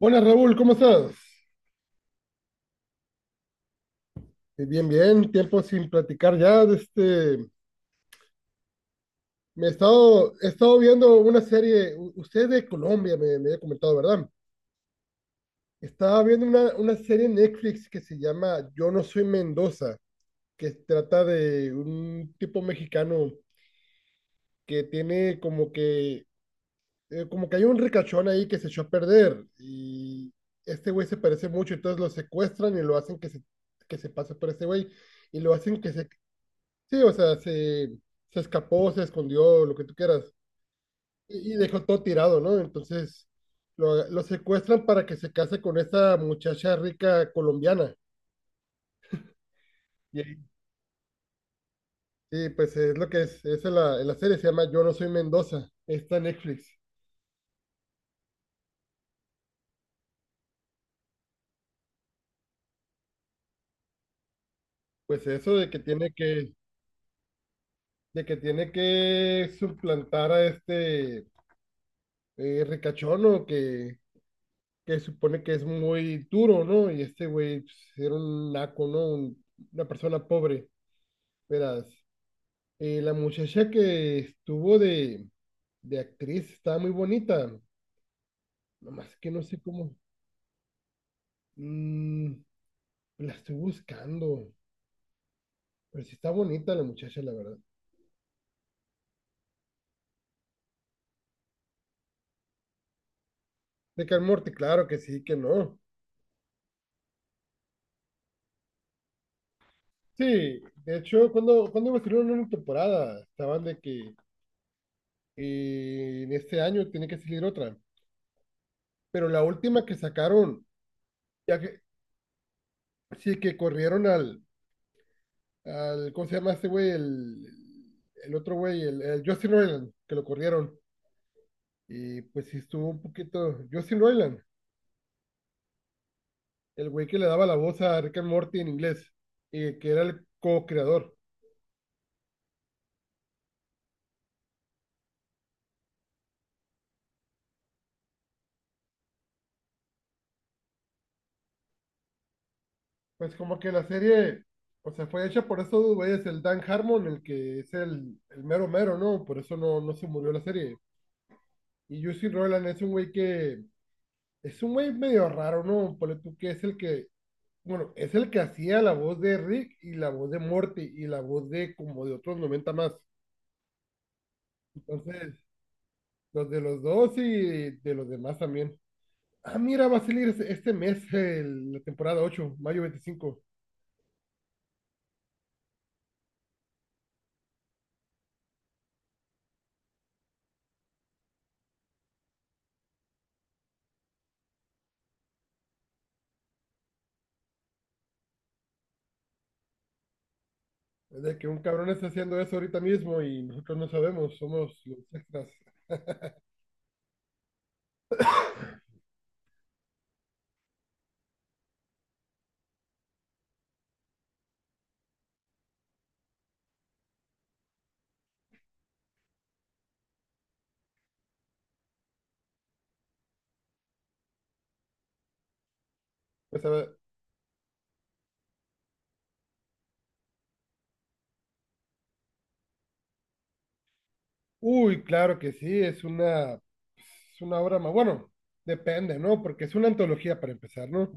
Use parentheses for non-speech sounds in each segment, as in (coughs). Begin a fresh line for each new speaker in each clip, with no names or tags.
Hola Raúl, ¿cómo estás? Bien, bien, tiempo sin platicar ya. de Este, me he estado viendo una serie. Usted es de Colombia, me había comentado, ¿verdad? Estaba viendo una serie en Netflix que se llama Yo no soy Mendoza, que trata de un tipo mexicano que tiene como que hay un ricachón ahí que se echó a perder, y este güey se parece mucho. Entonces lo secuestran y lo hacen que se pase por este güey, y lo hacen que se. Sí, o sea, se escapó, se escondió, lo que tú quieras, y dejó todo tirado, ¿no? Entonces lo secuestran para que se case con esta muchacha rica colombiana. Y, pues es lo que es en en la serie, se llama Yo no soy Mendoza, está en Netflix. Pues eso de que tiene que, suplantar a este ricachono que supone que es muy duro, ¿no? Y este güey pues era un naco, ¿no? Una persona pobre, verás. La muchacha que estuvo de actriz estaba muy bonita, nomás que no sé cómo. mm, la estoy buscando, pero sí está bonita la muchacha, la verdad. De Rick and Morty, claro que sí, que no. Sí, de hecho, cuando va a una temporada, estaban de que en este año tiene que salir otra, pero la última que sacaron, ya que sí que corrieron al, ¿cómo se llama este güey? El otro güey, el Justin Roiland, que lo corrieron. Y pues sí estuvo un poquito. Justin Roiland, el güey que le daba la voz a Rick and Morty en inglés, y que era el co-creador. Pues como que la serie, o sea, fue hecha por esos dos güeyes, el Dan Harmon, el que es el mero mero, ¿no? Por eso no, no se murió la serie. Y Justin Roiland es un güey medio raro, ¿no? Ponle tú que bueno, es el que hacía la voz de Rick y la voz de Morty y la voz de como de otros 90 más. Entonces, los de los dos y de los demás también. Ah, mira, va a salir este mes la temporada 8, mayo 25. De que un cabrón está haciendo eso ahorita mismo y nosotros no sabemos, somos los extras. Pues a ver, uy, claro que sí, es una obra más. Bueno, depende, ¿no? Porque es una antología para empezar, ¿no?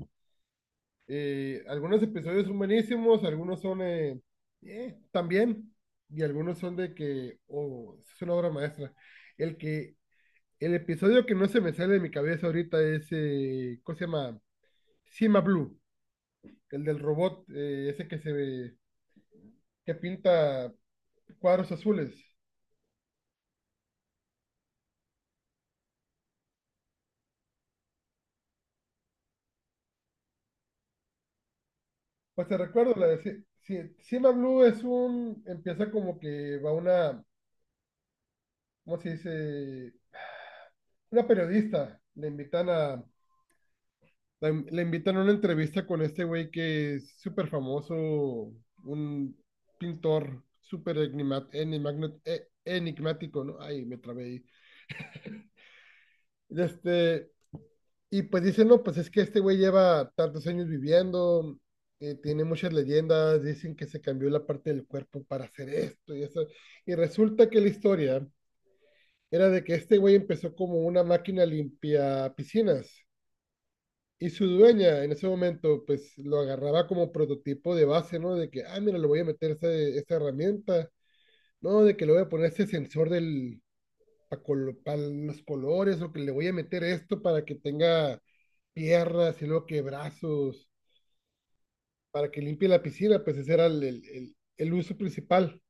Algunos episodios son buenísimos, algunos son también, y algunos son de que, oh, es una obra maestra. El que El episodio que no se me sale de mi cabeza ahorita es, ¿cómo se llama? Cima Blue, el del robot, ese que se ve, que pinta cuadros azules. Pues te recuerdo, la de Cima Blue empieza como que va una, ¿cómo se dice? Una periodista, le invitan a una entrevista con este güey que es súper famoso, un pintor súper enigmático, ¿no? Ay, me trabé ahí. Este, Y pues dicen, no, pues es que este güey lleva tantos años viviendo, tiene muchas leyendas, dicen que se cambió la parte del cuerpo para hacer esto y eso. Y resulta que la historia era de que este güey empezó como una máquina limpia piscinas, y su dueña en ese momento pues lo agarraba como prototipo de base, ¿no? De que, ah, mira, le voy a meter esta herramienta, ¿no? De que le voy a poner este sensor del, para pa los colores, o que le voy a meter esto para que tenga piernas y luego que brazos, para que limpie la piscina. Pues ese era el uso principal.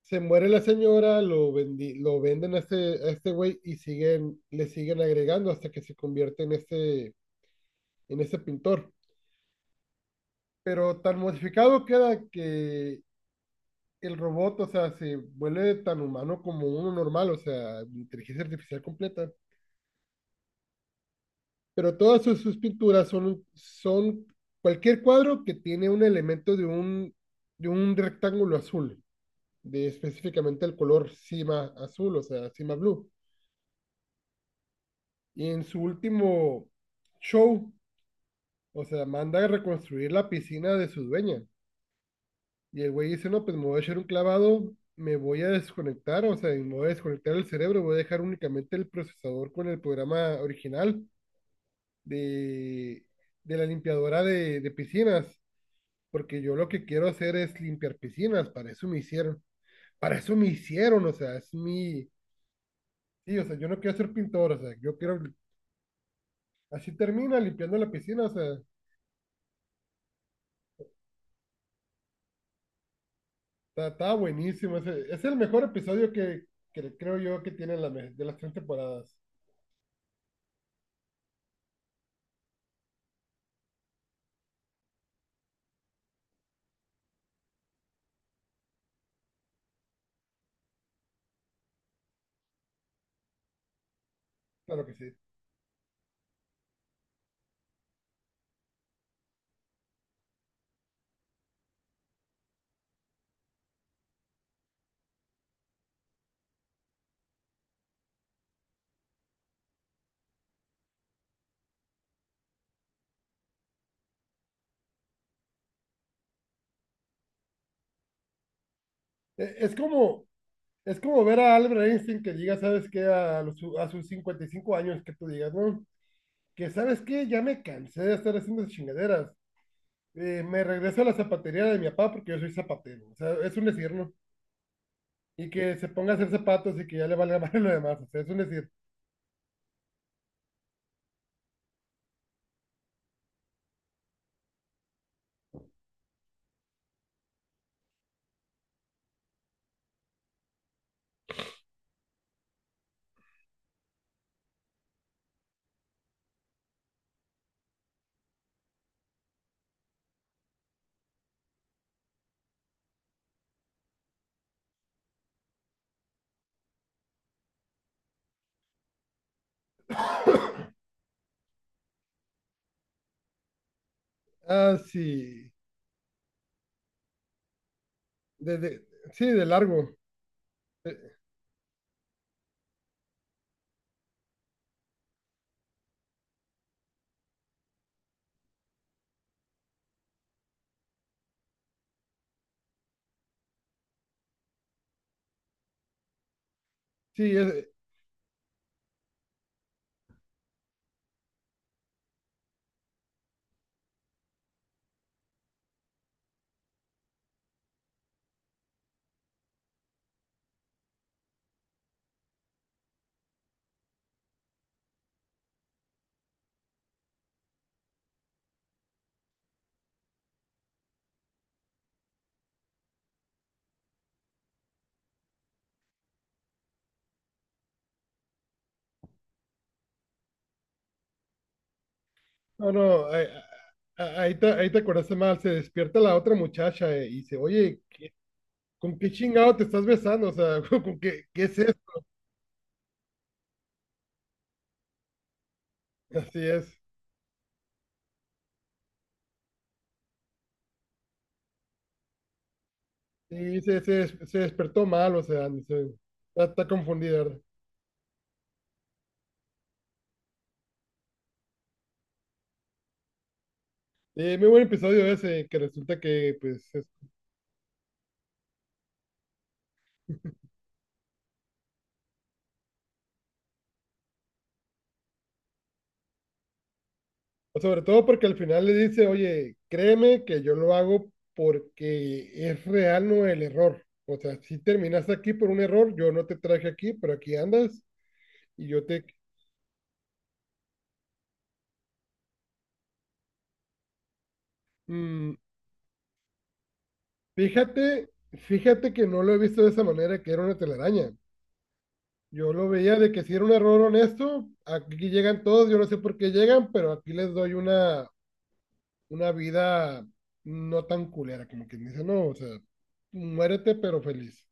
Se muere la señora. Lo, lo venden a este, güey, y le siguen agregando hasta que se convierte en este pintor. Pero tan modificado queda que el robot, o sea, se vuelve tan humano como uno normal, o sea, inteligencia artificial completa. Pero todas sus pinturas son cualquier cuadro que tiene un elemento de un rectángulo azul, de específicamente el color cima azul, o sea, cima blue. Y en su último show, o sea, manda a reconstruir la piscina de su dueña. Y el güey dice, no, pues me voy a echar un clavado, me voy a desconectar, o sea, me voy a desconectar el cerebro, voy a dejar únicamente el procesador con el programa original de, de la limpiadora de piscinas, porque yo lo que quiero hacer es limpiar piscinas, para eso me hicieron, o sea, sí, o sea, yo no quiero ser pintor, o sea, yo quiero, así termina limpiando la piscina. O sea, está buenísimo, es el mejor episodio que creo yo que tiene de las tres temporadas. Claro que sí. E- Es, como, es como ver a Albert Einstein que diga, ¿sabes qué? A sus 55 años que tú digas, ¿no? Que, ¿sabes qué? Ya me cansé de estar haciendo esas chingaderas, me regreso a la zapatería de mi papá porque yo soy zapatero. O sea, es un decir, ¿no? Y que se ponga a hacer zapatos y que ya le valga (laughs) más lo demás. O sea, es un decir. (coughs) Ah, sí. De, de- sí, de largo. Eh, Sí, no, no. Ahí te acordaste mal. Se despierta la otra muchacha, y dice, oye, ¿con qué chingado te estás besando? O sea, (laughs) ¿qué es eso? Así es. Y se se despertó mal, o sea, no sé, está confundida, ¿verdad? Muy buen episodio ese, que resulta que pues. Sobre todo porque al final le dice, oye, créeme que yo lo hago porque es real, no el error. O sea, si terminaste aquí por un error, yo no te traje aquí, pero aquí andas y yo te. Mm, fíjate, fíjate que no lo he visto de esa manera, que era una telaraña. Yo lo veía de que si era un error honesto, aquí llegan todos, yo no sé por qué llegan, pero aquí les doy una vida no tan culera, como quien dice, no, o sea, muérete pero feliz.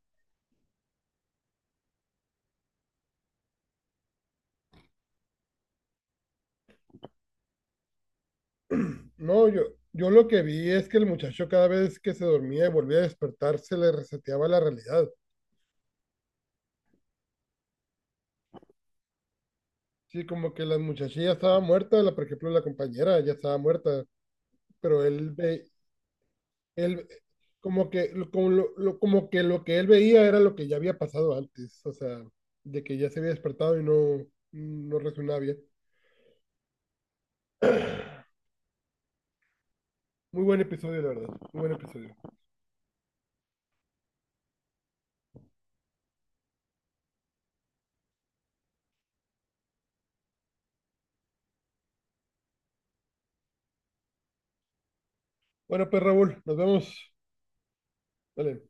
No, yo lo que vi es que el muchacho cada vez que se dormía y volvía a despertar se le reseteaba la realidad. Sí, como que la muchacha ya estaba muerta, la, por ejemplo, la compañera ya estaba muerta, pero él ve, él como que lo- como que lo que él veía era lo que ya había pasado antes, o sea, de que ya se había despertado y no reaccionaba bien. Muy buen episodio, la verdad. Muy buen episodio. Bueno, pues Raúl, nos vemos. Dale.